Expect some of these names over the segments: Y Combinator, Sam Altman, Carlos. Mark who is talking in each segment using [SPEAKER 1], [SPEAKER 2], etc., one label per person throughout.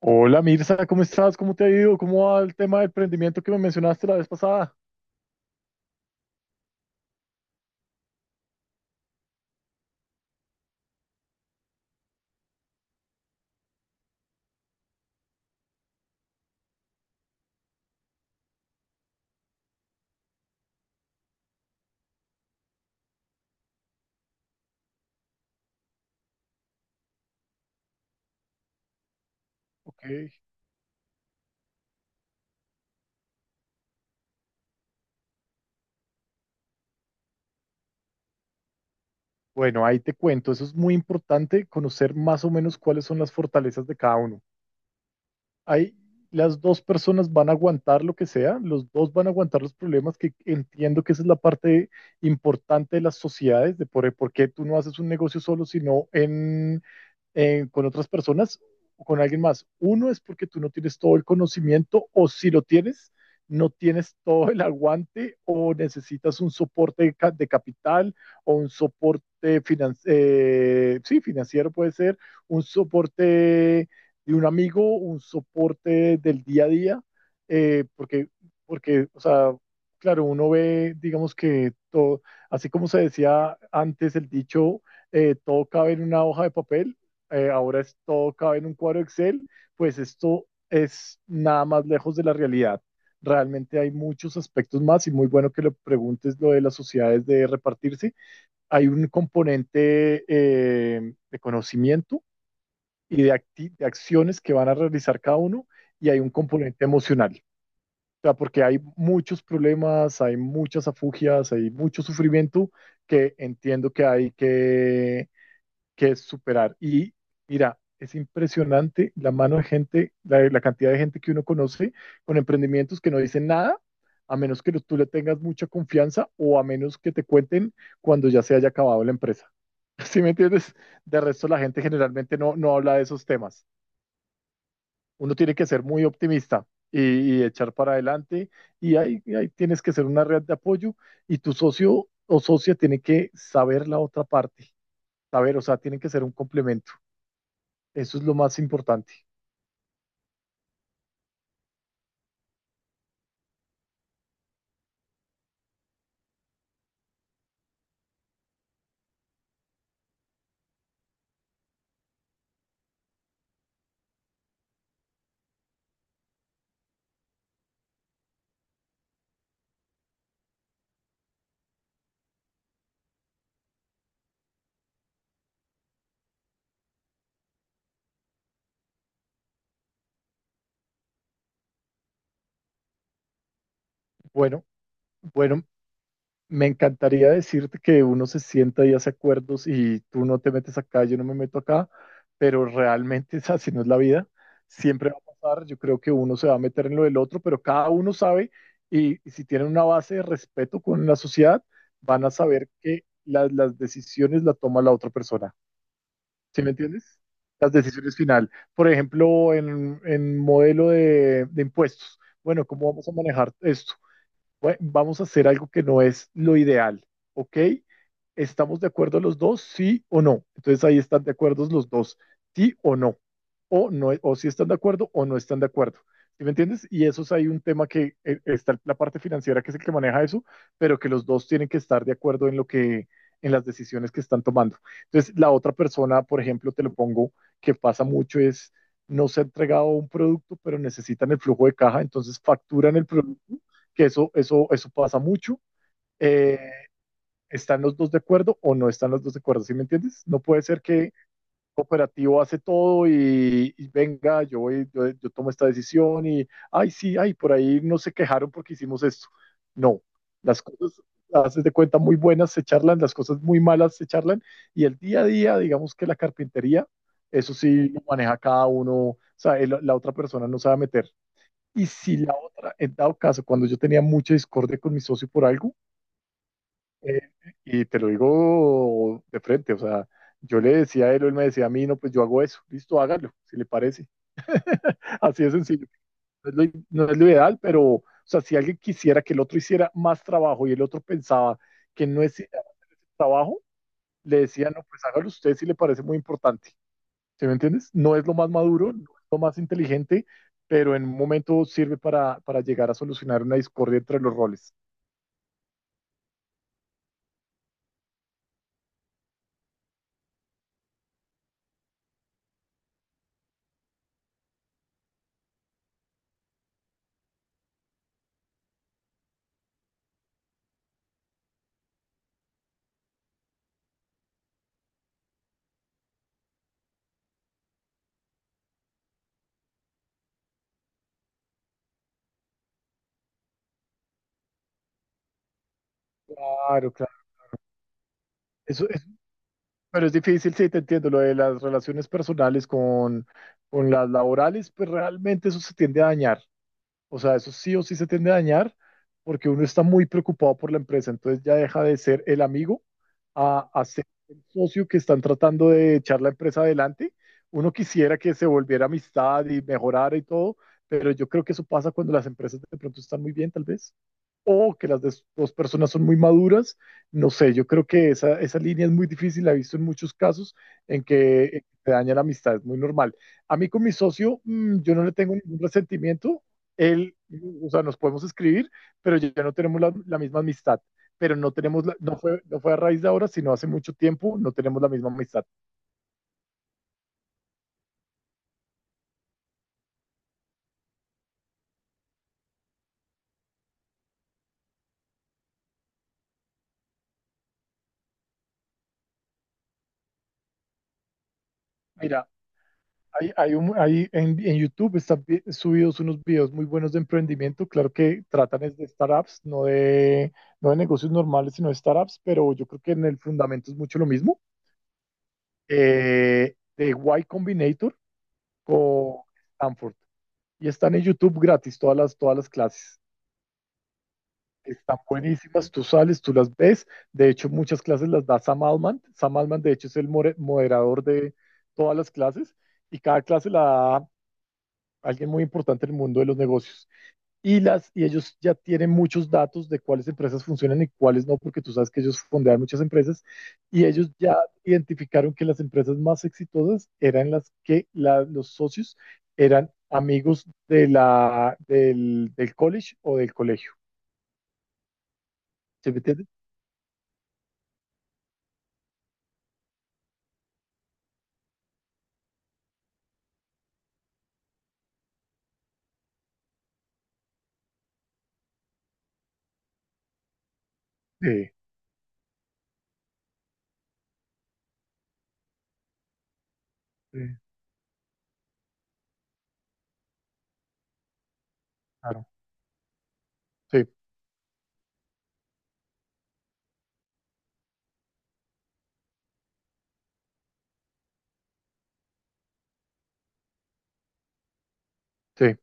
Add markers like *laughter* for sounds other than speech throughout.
[SPEAKER 1] Hola Mirza, ¿cómo estás? ¿Cómo te ha ido? ¿Cómo va el tema del emprendimiento que me mencionaste la vez pasada? Ok. Bueno, ahí te cuento. Eso es muy importante, conocer más o menos cuáles son las fortalezas de cada uno. Ahí las dos personas van a aguantar lo que sea, los dos van a aguantar los problemas, que entiendo que esa es la parte importante de las sociedades, de por qué tú no haces un negocio solo, sino con otras personas o con alguien más. Uno es porque tú no tienes todo el conocimiento o si lo tienes, no tienes todo el aguante o necesitas un soporte de, capital o un soporte finan sí, financiero, puede ser, un soporte de un amigo, un soporte del día a día, eh, porque, porque, o sea, claro, uno ve, digamos que todo, así como se decía antes el dicho, todo cabe en una hoja de papel, ahora es, todo cabe en un cuadro Excel, pues esto es nada más lejos de la realidad. Realmente hay muchos aspectos más y muy bueno que lo preguntes lo de las sociedades de repartirse. Hay un componente de conocimiento y de acciones que van a realizar cada uno y hay un componente emocional. O sea, porque hay muchos problemas, hay muchas afugias, hay mucho sufrimiento que entiendo que hay que es superar. Y mira, es impresionante la mano de gente, la cantidad de gente que uno conoce con emprendimientos que no dicen nada, a menos que tú le tengas mucha confianza o a menos que te cuenten cuando ya se haya acabado la empresa. *laughs* ¿Sí me entiendes? De resto, la gente generalmente no habla de esos temas. Uno tiene que ser muy optimista y echar para adelante y ahí tienes que ser una red de apoyo y tu socio o socia tiene que saber la otra parte, saber, o sea, tienen que ser un complemento. Eso es lo más importante. Bueno, bueno, me encantaría decirte que uno se sienta y hace acuerdos y tú no te metes acá, yo no me meto acá, pero realmente *laughs* es así no es la vida. Siempre va a pasar, yo creo que uno se va a meter en lo del otro, pero cada uno sabe y si tienen una base de respeto con la sociedad, van a saber que las decisiones la toma la otra persona. ¿Sí me entiendes? Las decisiones final. Por ejemplo, en modelo de impuestos. Bueno, ¿cómo vamos a manejar esto? Bueno, vamos a hacer algo que no es lo ideal, ¿ok? ¿Estamos de acuerdo los dos? Sí o no. Entonces ahí están de acuerdo los dos, sí o no. O, no, o si están de acuerdo o no están de acuerdo. ¿Sí me entiendes? Y eso es ahí un tema que está la parte financiera que es el que maneja eso, pero que los dos tienen que estar de acuerdo en lo que, en las decisiones que están tomando. Entonces, la otra persona, por ejemplo, te lo pongo, que pasa mucho es, no se ha entregado un producto, pero necesitan el flujo de caja, entonces facturan el producto que eso pasa mucho. Eh, ¿Están los dos de acuerdo o no están los dos de acuerdo? ¿Sí me entiendes? No puede ser que el operativo hace todo y venga, yo, voy, yo tomo esta decisión y, ay, sí, ay, por ahí no se quejaron porque hicimos esto. No, las cosas haces de cuenta muy buenas se charlan, las cosas muy malas se charlan y el día a día, digamos que la carpintería, eso sí lo maneja cada uno, o sea, la otra persona no se va a meter y si la otra, en dado caso, cuando yo tenía mucha discordia con mi socio por algo, eh, y te lo digo de frente, o sea, yo le decía a él, o él me decía a mí, no, pues yo hago eso, listo, hágalo, si le parece. *laughs* Así de sencillo. No es lo ideal, pero, o sea, si alguien quisiera que el otro hiciera más trabajo y el otro pensaba que no es trabajo, le decía, no, pues hágalo usted si le parece muy importante. ¿Sí me entiendes? No es lo más maduro, no es lo más inteligente, pero en un momento sirve para llegar a solucionar una discordia entre los roles. Claro, claro. Eso es, pero es difícil, sí, te entiendo. Lo de las relaciones personales con las laborales, pues realmente eso se tiende a dañar. O sea, eso sí o sí se tiende a dañar porque uno está muy preocupado por la empresa, entonces ya deja de ser el amigo a ser el socio que están tratando de echar la empresa adelante. Uno quisiera que se volviera amistad y mejorara y todo, pero yo creo que eso pasa cuando las empresas de pronto están muy bien, tal vez o que las dos personas son muy maduras. No sé, yo creo que esa línea es muy difícil, la he visto en muchos casos en que te daña la amistad, es muy normal. A mí con mi socio, yo no le tengo ningún resentimiento, él, o sea, nos podemos escribir, pero ya no tenemos la misma amistad, pero no tenemos, no fue, a raíz de ahora, sino hace mucho tiempo, no tenemos la misma amistad. Mira, hay en YouTube están subidos unos videos muy buenos de emprendimiento. Claro que tratan es de startups, no de negocios normales, sino de startups, pero yo creo que en el fundamento es mucho lo mismo. De Y Combinator con Stanford. Y están en YouTube gratis todas las clases. Están buenísimas, tú sales, tú las ves. De hecho, muchas clases las da Sam Altman. Sam Altman, de hecho, es el moderador de todas las clases y cada clase la da alguien muy importante en el mundo de los negocios. Y ellos ya tienen muchos datos de cuáles empresas funcionan y cuáles no, porque tú sabes que ellos fondean muchas empresas y ellos ya identificaron que las empresas más exitosas eran las que los socios eran amigos de del college o del colegio. ¿Se me entiende? Sí, sí, claro. Sí, sí.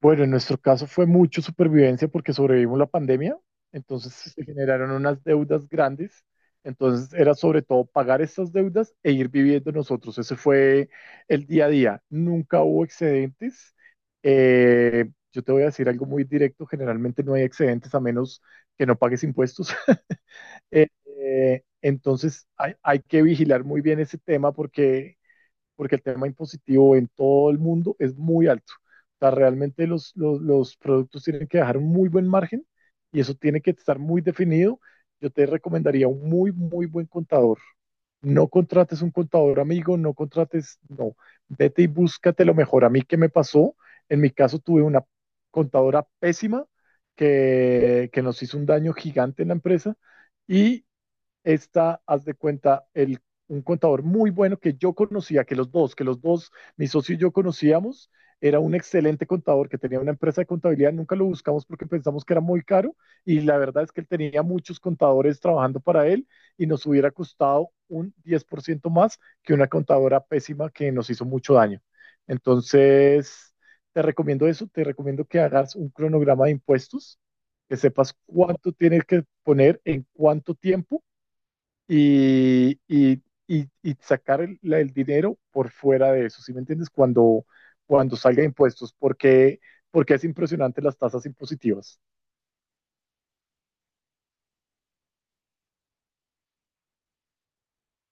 [SPEAKER 1] Bueno, en nuestro caso fue mucho supervivencia porque sobrevivimos la pandemia, entonces se generaron unas deudas grandes, entonces era sobre todo pagar esas deudas e ir viviendo nosotros, ese fue el día a día, nunca hubo excedentes. Yo te voy a decir algo muy directo, generalmente no hay excedentes a menos que no pagues impuestos. *laughs* Eh, entonces hay que vigilar muy bien ese tema porque el tema impositivo en todo el mundo es muy alto. O sea, realmente los productos tienen que dejar un muy buen margen y eso tiene que estar muy definido. Yo te recomendaría un muy, muy buen contador. No contrates un contador amigo, no contrates, no. Vete y búscate lo mejor. A mí, ¿qué me pasó? En mi caso, tuve una contadora pésima que nos hizo un daño gigante en la empresa y esta, haz de cuenta, el, un contador muy bueno que yo conocía, que los dos, mi socio y yo conocíamos, era un excelente contador que tenía una empresa de contabilidad, nunca lo buscamos porque pensamos que era muy caro y la verdad es que él tenía muchos contadores trabajando para él y nos hubiera costado un 10% más que una contadora pésima que nos hizo mucho daño. Entonces, te recomiendo eso, te recomiendo que hagas un cronograma de impuestos, que sepas cuánto tienes que poner, en cuánto tiempo y sacar el, el dinero por fuera de eso, ¿sí me entiendes? Cuando salga de impuestos, porque es impresionante las tasas impositivas.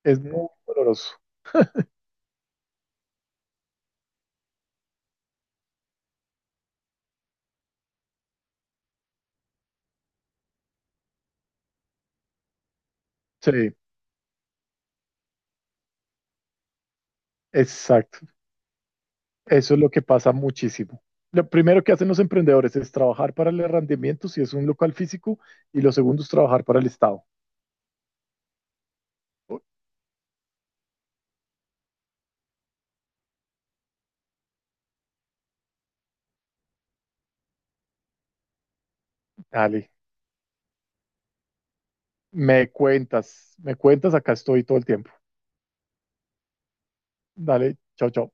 [SPEAKER 1] Es muy doloroso. Sí, exacto. Eso es lo que pasa muchísimo. Lo primero que hacen los emprendedores es trabajar para el arrendamiento, si es un local físico, y lo segundo es trabajar para el Estado. Oh, dale, me cuentas, acá estoy todo el tiempo. Dale, chao, chao.